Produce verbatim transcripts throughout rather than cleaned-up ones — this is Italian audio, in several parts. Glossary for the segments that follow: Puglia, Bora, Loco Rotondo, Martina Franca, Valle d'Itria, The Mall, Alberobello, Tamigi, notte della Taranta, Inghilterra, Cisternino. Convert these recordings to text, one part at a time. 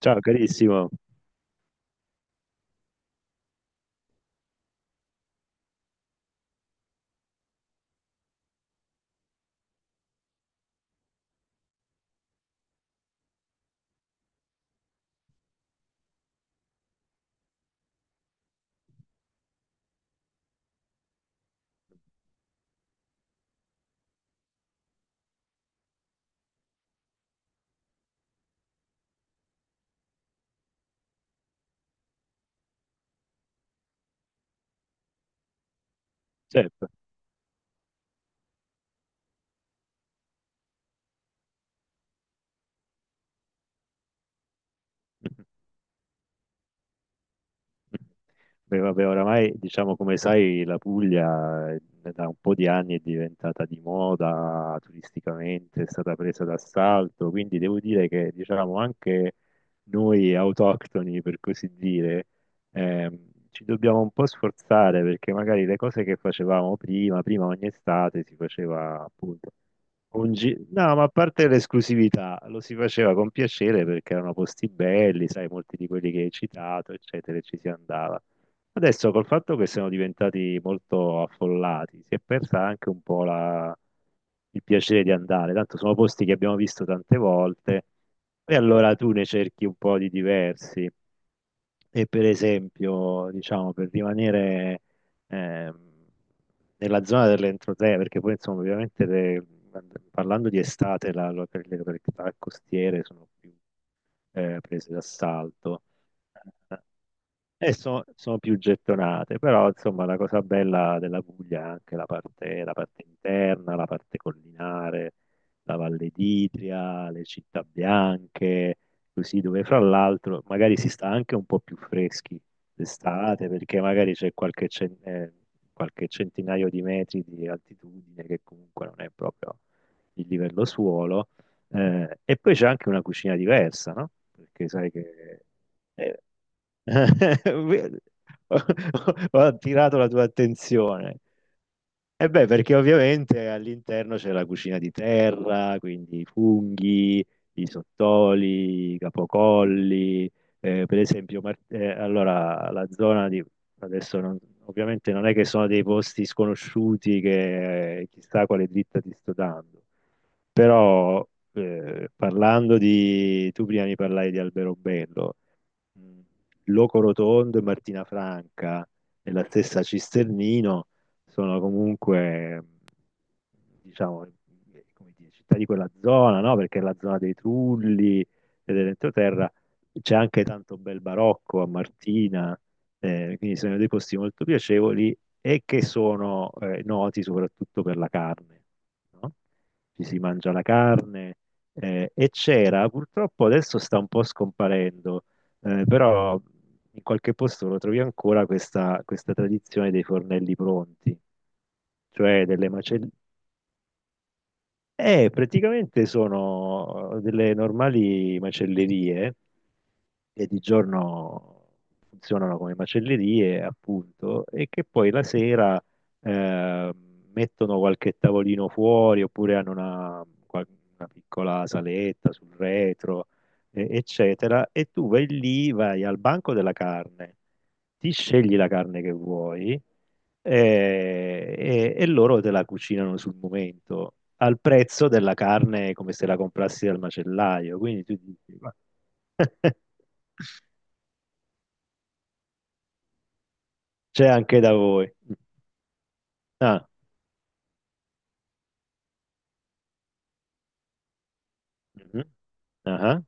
Ciao carissimo. Certo. Beh, vabbè, oramai diciamo come sai la Puglia eh, da un po' di anni è diventata di moda turisticamente, è stata presa d'assalto, quindi devo dire che diciamo anche noi autoctoni per così dire ehm, ci dobbiamo un po' sforzare perché magari le cose che facevamo prima, prima ogni estate si faceva appunto… Un gi- no, ma a parte l'esclusività, lo si faceva con piacere perché erano posti belli, sai, molti di quelli che hai citato, eccetera, e ci si andava. Adesso col fatto che siamo diventati molto affollati, si è persa anche un po' la… il piacere di andare, tanto sono posti che abbiamo visto tante volte e allora tu ne cerchi un po' di diversi. E per esempio, diciamo, per rimanere ehm, nella zona dell'entroterra, perché poi insomma ovviamente le… parlando di estate la- la- le località costiere sono più eh, prese d'assalto. E so- sono più gettonate, però insomma la cosa bella della Puglia è anche la parte, la parte interna, la parte collinare, la Valle d'Itria, le città bianche, così dove fra l'altro magari si sta anche un po' più freschi d'estate perché magari c'è qualche, cen- eh, qualche centinaio di metri di altitudine che comunque non è proprio il livello suolo. Eh, e poi c'è anche una cucina diversa, no? Perché sai che… eh, Ho ho attirato la tua attenzione. E beh, perché ovviamente all'interno c'è la cucina di terra, quindi i funghi, i sottoli, i capocolli, eh, per esempio, Mar- eh, allora la zona di… adesso non… ovviamente non è che sono dei posti sconosciuti che eh, chissà quale dritta ti sto dando, però eh, parlando di… tu prima mi parlai di Alberobello, mh, Loco Rotondo e Martina Franca, nella stessa Cisternino, sono comunque, diciamo, eh, come dire, città di quella zona, no? Perché è la zona dei Trulli e dell'entroterra, c'è anche tanto bel barocco a Martina, eh, quindi sono dei posti molto piacevoli e che sono eh, noti soprattutto per la carne, no? Ci si mangia la carne eh, e c'era, purtroppo adesso sta un po' scomparendo, eh, però in qualche posto lo trovi ancora questa questa tradizione dei fornelli pronti, cioè delle macellerie. Eh, praticamente sono delle normali macellerie che di giorno funzionano come macellerie, appunto, e che poi la sera eh, mettono qualche tavolino fuori oppure hanno una, qual- una piccola saletta sul retro, eh, eccetera, e tu vai lì, vai al banco della carne, ti scegli la carne che vuoi e, e- e loro te la cucinano sul momento, al prezzo della carne come se la comprassi dal macellaio. Quindi tu dici, ma… c'è anche da voi. Ah. Mhm. Ah,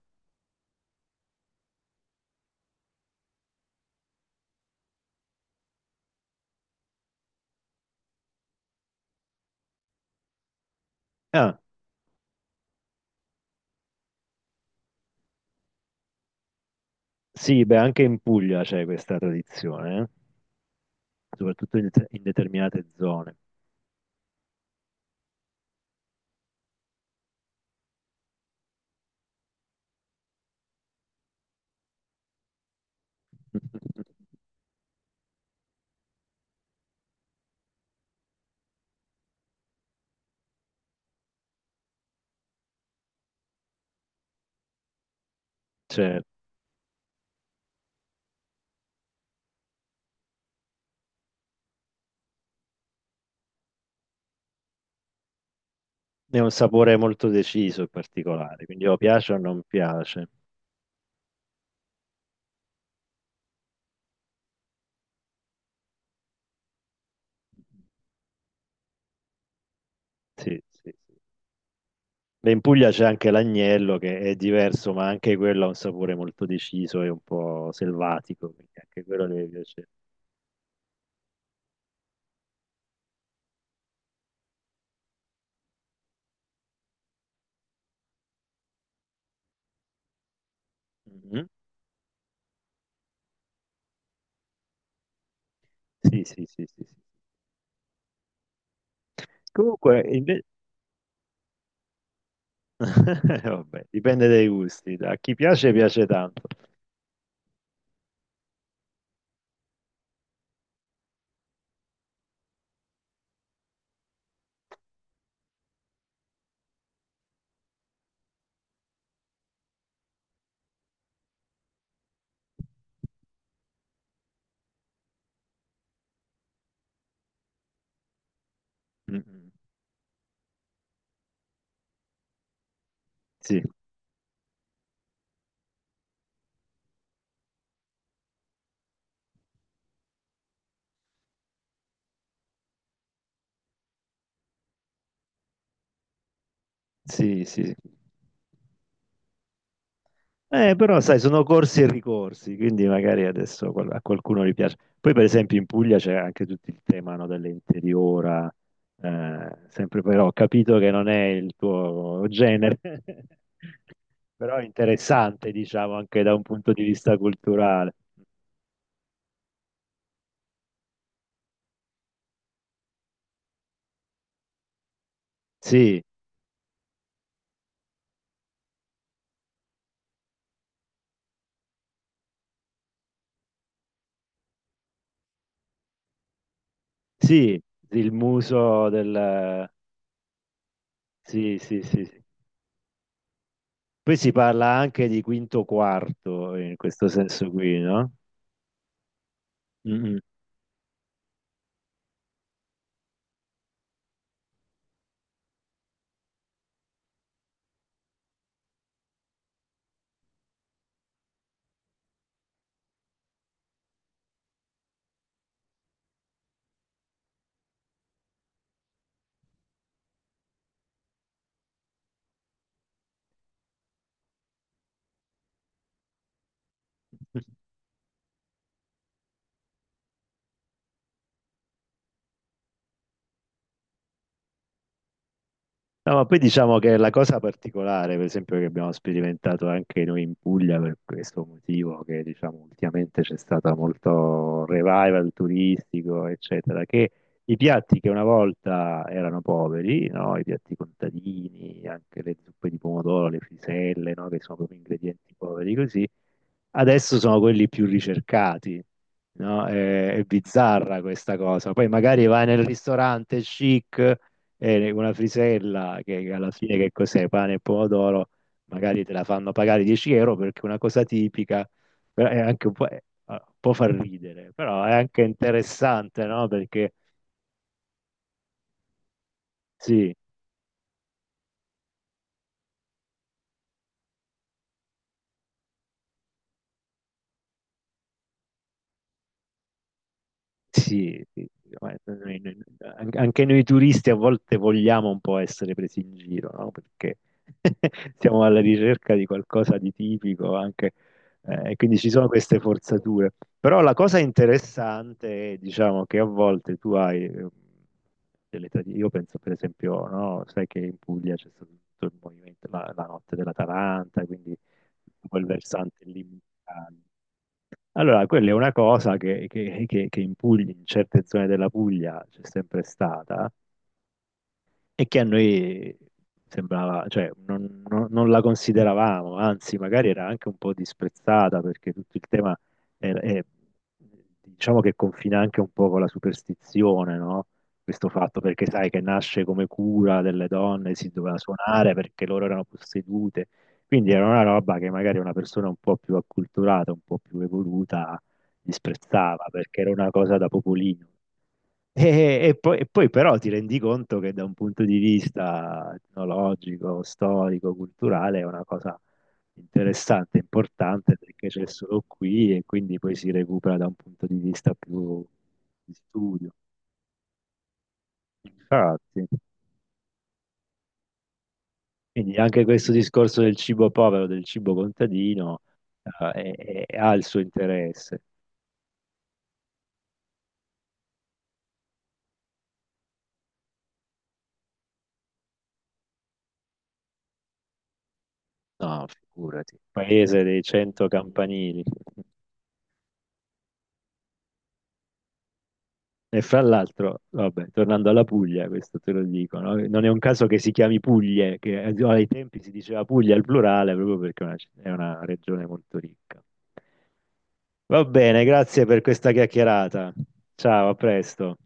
ah. Sì, beh, anche in Puglia c'è questa tradizione, eh, soprattutto in, in determinate zone. Cioè, è un sapore molto deciso e particolare, quindi o piace o non piace. Sì, sì, sì. Beh, in Puglia c'è anche l'agnello che è diverso, ma anche quello ha un sapore molto deciso e un po' selvatico, quindi anche quello deve piacere. Mhm. Sì, sì, sì, sì, sì. Comunque, inve- vabbè, dipende dai gusti, a chi piace piace tanto. Mhm. Sì, sì, sì. Eh, però sai, sono corsi e ricorsi, quindi magari adesso qual- a qualcuno gli piace. Poi, per esempio, in Puglia c'è anche tutto il tema, no, dell'interiora, eh, sempre però ho capito che non è il tuo genere, però è interessante, diciamo, anche da un punto di vista culturale. Sì, sì, il muso del… Sì, sì, sì, sì. Poi si parla anche di quinto quarto, in questo senso qui, no? Mm, mm. No, ma poi diciamo che la cosa particolare, per esempio, che abbiamo sperimentato anche noi in Puglia per questo motivo, che diciamo ultimamente c'è stato molto revival turistico, eccetera, che i piatti che una volta erano poveri, no? I piatti contadini, anche le zuppe di pomodoro, le friselle, no? Che sono proprio ingredienti poveri così, adesso sono quelli più ricercati, no? È, è bizzarra questa cosa. Poi magari vai nel ristorante chic e una frisella che alla fine che cos'è? Pane e pomodoro, magari te la fanno pagare dieci euro perché è una cosa tipica, però è anche un po', eh, può far ridere, però è anche interessante, no? Perché sì, sì, sì, sì, ma noi- noi- an- anche noi turisti a volte vogliamo un po' essere presi in giro, no? Perché siamo alla ricerca di qualcosa di tipico anche, eh, e quindi ci sono queste forzature. Però la cosa interessante è, diciamo, che a volte tu hai eh, delle tradizioni. Io penso, per esempio, no? Sai che in Puglia c'è stato tutto il movimento, la, la notte della Taranta, quindi quel versante lì. Allora, quella è una cosa che, che- che- che in Puglia, in certe zone della Puglia c'è sempre stata, e che a noi sembrava, cioè non, non- non la consideravamo, anzi magari era anche un po' disprezzata perché tutto il tema è, è- diciamo che confina anche un po' con la superstizione, no? Questo fatto perché sai che nasce come cura delle donne, si doveva suonare perché loro erano possedute, quindi era una roba che magari una persona un po' più acculturata, un po' più evoluta disprezzava perché era una cosa da popolino. E, e poi, e poi però ti rendi conto che da un punto di vista etnologico, storico, culturale è una cosa interessante, importante perché c'è solo qui e quindi poi si recupera da un punto di vista più di studio. Infatti, quindi anche questo discorso del cibo povero, del cibo contadino, eh, è- è… ha il suo interesse. No, figurati, paese dei cento campanili. E fra l'altro, vabbè, tornando alla Puglia, questo te lo dico, no? Non è un caso che si chiami Puglie, che ai tempi si diceva Puglia al plurale proprio perché è una, c- è una regione molto ricca. Va bene, grazie per questa chiacchierata. Ciao, a presto.